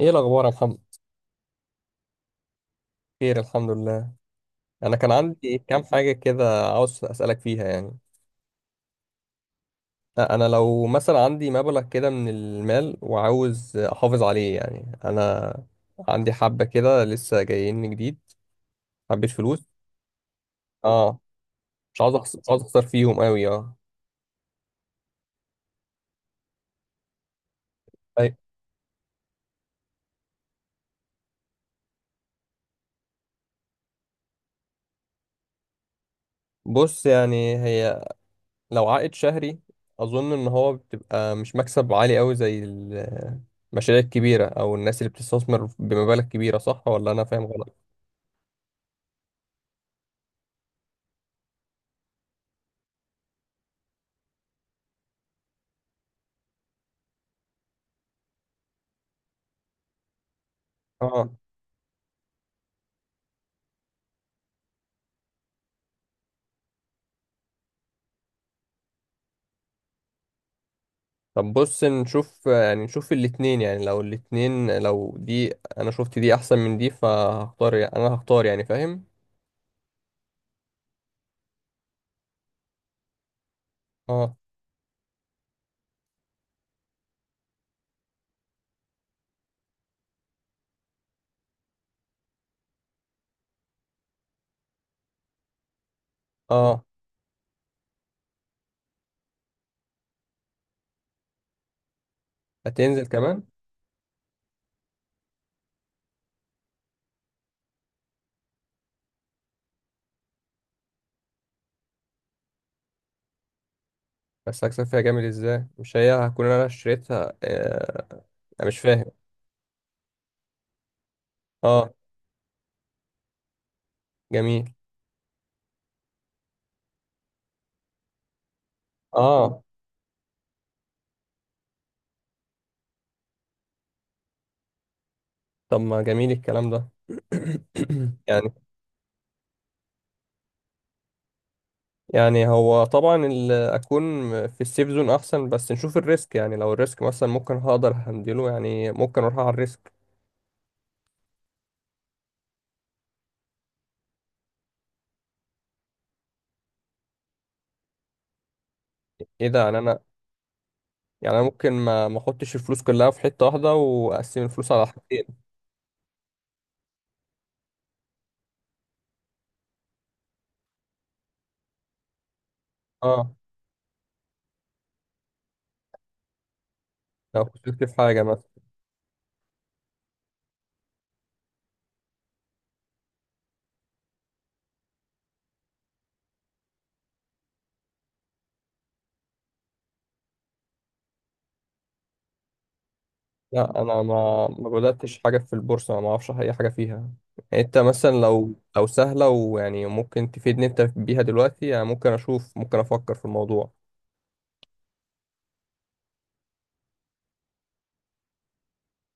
ايه الاخبار يا محمد؟ خير، الحمد لله. انا كان عندي كام حاجه كده عاوز اسالك فيها، يعني انا لو مثلا عندي مبلغ كده من المال وعاوز احافظ عليه، يعني انا عندي حبه كده لسه جايين جديد، حبيت فلوس. اه، مش عاوز اخسر فيهم قوي، اه. أي- بص، يعني هي لو عائد شهري اظن ان هو بتبقى مش مكسب عالي قوي زي المشاريع الكبيره او الناس اللي بتستثمر بمبالغ كبيره، صح ولا انا فاهم غلط؟ اه، طب بص نشوف الاتنين، يعني لو الاتنين، لو دي انا شفت دي احسن من دي فهختار انا هختار، يعني فاهم. اه اه، هتنزل كمان. بس هكسب فيها جامد ازاي؟ مش هي هكون انا اشتريتها، آه. انا مش فاهم. اه، جميل. اه، طب ما جميل الكلام ده. يعني يعني هو طبعا اكون في السيف زون احسن، بس نشوف الريسك، يعني لو الريسك مثلا ممكن هقدر هندله، يعني ممكن اروح على الريسك. ايه ده؟ يعني انا، يعني انا ممكن ما احطش الفلوس كلها في حته واحده واقسم الفلوس على حاجتين. اه، لو خسرت في حاجه مثلا. لا، انا ما بداتش حاجه في البورصه، ما اعرفش اي حاجه فيها. يعني انت مثلا لو سهله ويعني ممكن تفيدني انت بيها دلوقتي، يعني ممكن اشوف، ممكن افكر في الموضوع.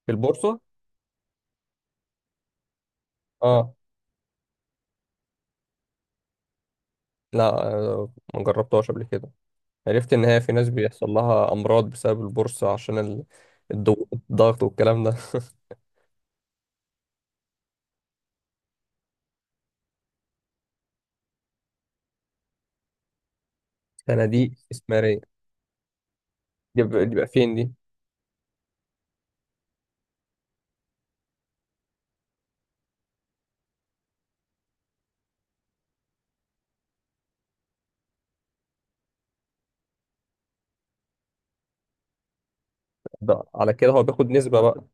في البورصه؟ اه. لا، ما جربتهاش قبل كده. عرفت ان هي في ناس بيحصل لها امراض بسبب البورصه عشان الضغط والكلام ده صناديق استثماريه؟ دي بيبقى فين دي؟ ده على كده هو بياخد نسبة بقى.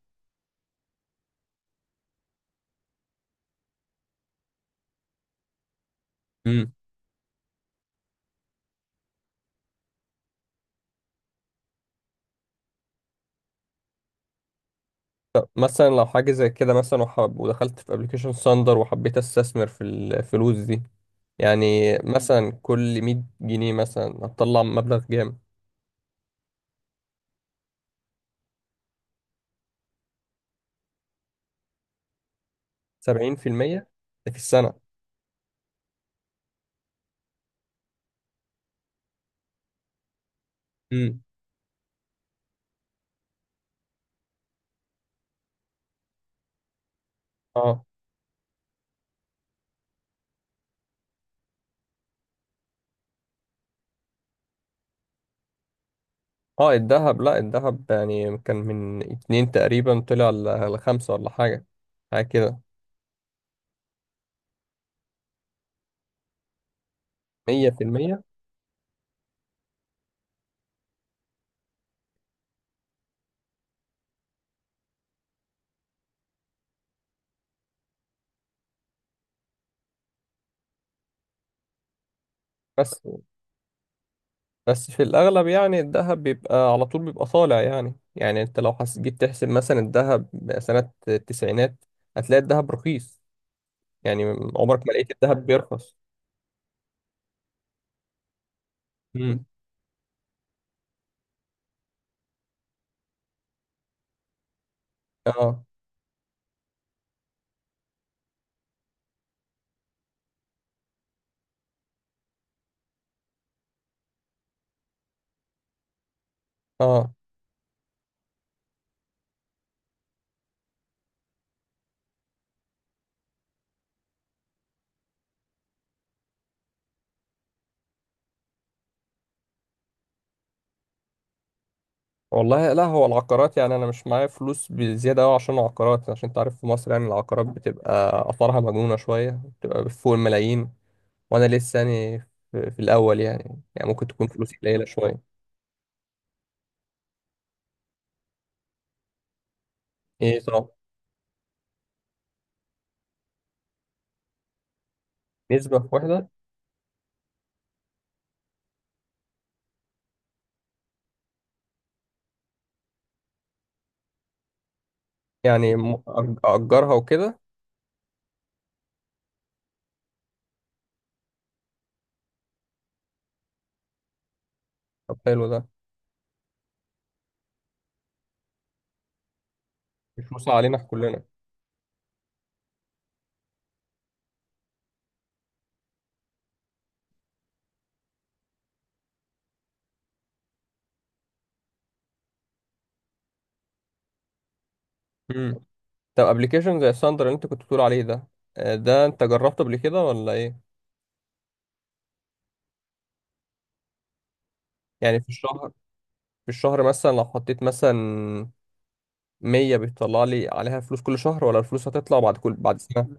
امم. مثلا لو حاجة زي كده، مثلا وحب ودخلت في ابلكيشن ساندر وحبيت استثمر في الفلوس دي، يعني مثلا كل 100 جنيه مثلا هتطلع مبلغ جامد. 70%؟ ده في السنة؟ امم. اه اه، الذهب، لا الذهب يعني كان من اتنين تقريبا طلع لخمسة ولا حاجة كده. 100%. بس بس في الأغلب يعني الذهب بيبقى على طول بيبقى طالع، يعني يعني أنت لو جيت تحسب مثلا الذهب سنة التسعينات هتلاقي الذهب رخيص، يعني عمرك ما لقيت الذهب بيرخص. مم. اه اه. والله لا، هو العقارات يعني أنا مش معايا فلوس بزيادة أوي عشان العقارات، عشان أنت عارف في مصر يعني العقارات بتبقى آثارها مجنونة شوية، بتبقى فوق الملايين، وأنا لسه يعني في الأول، يعني يعني ممكن تكون فلوسي قليلة شوية. إيه؟ طب نسبة واحدة؟ يعني أجرها وكده. طب حلو ده. مش وصع علينا إحنا كلنا. امم. طب ابلكيشن زي الساندر اللي انت كنت بتقول عليه ده، ده انت جربته قبل كده ولا ايه؟ يعني في الشهر، في الشهر مثلا لو حطيت مثلا 100 بيطلع لي عليها فلوس كل شهر؟ ولا الفلوس هتطلع بعد سنة؟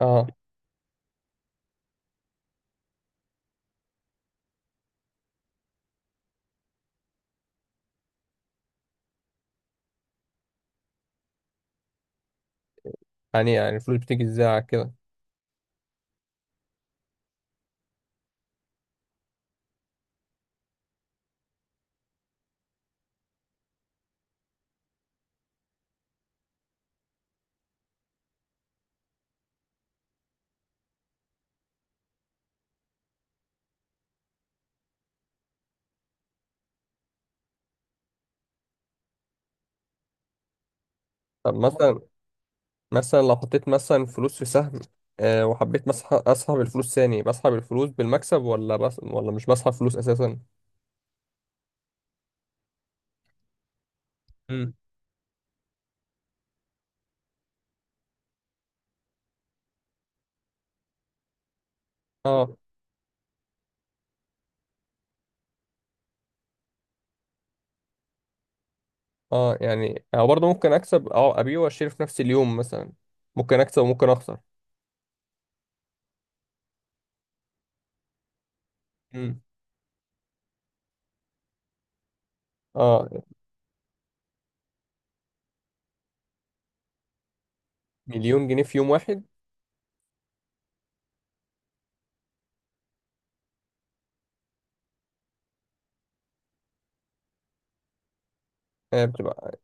اه. يعني يعني الفلوس بتيجي ازاي على كده؟ طب مثلا لو حطيت مثلا فلوس في سهم، وحبيت اسحب الفلوس ثاني، بسحب الفلوس بالمكسب ولا بس؟ ولا مش بسحب فلوس اساسا؟ امم. اه اه، يعني أنا برضه ممكن أكسب أبيع وأشتري في نفس اليوم مثلا، ممكن أكسب وممكن أخسر. امم. اه، مليون جنيه في يوم واحد؟ آه،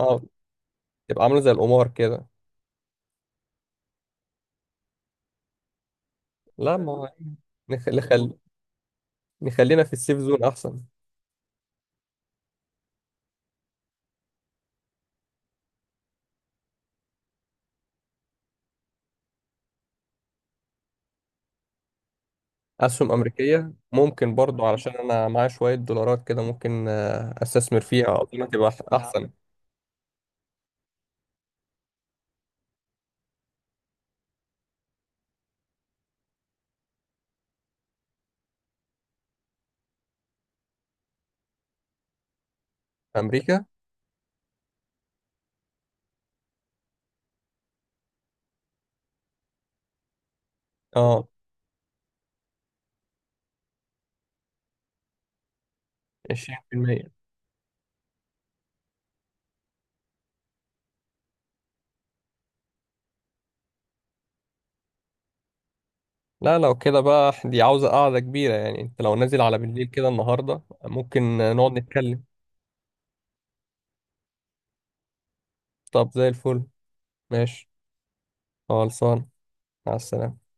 اه بتبقى عاملة زي القمار كده. لا، ما هو نخ... نخل... نخلينا في السيف زون أحسن. أسهم أمريكية؟ ممكن برضو علشان أنا معايا شوية دولارات كده ممكن، أستثمر فيها، أظن تبقى أحسن. في أمريكا. اه، 20%. لا، لو كده بقى دي عاوزة قعدة كبيرة، يعني أنت لو نازل على بالليل كده النهاردة ممكن نقعد نتكلم. طب زي الفل، ماشي، خلصان. مع السلامة.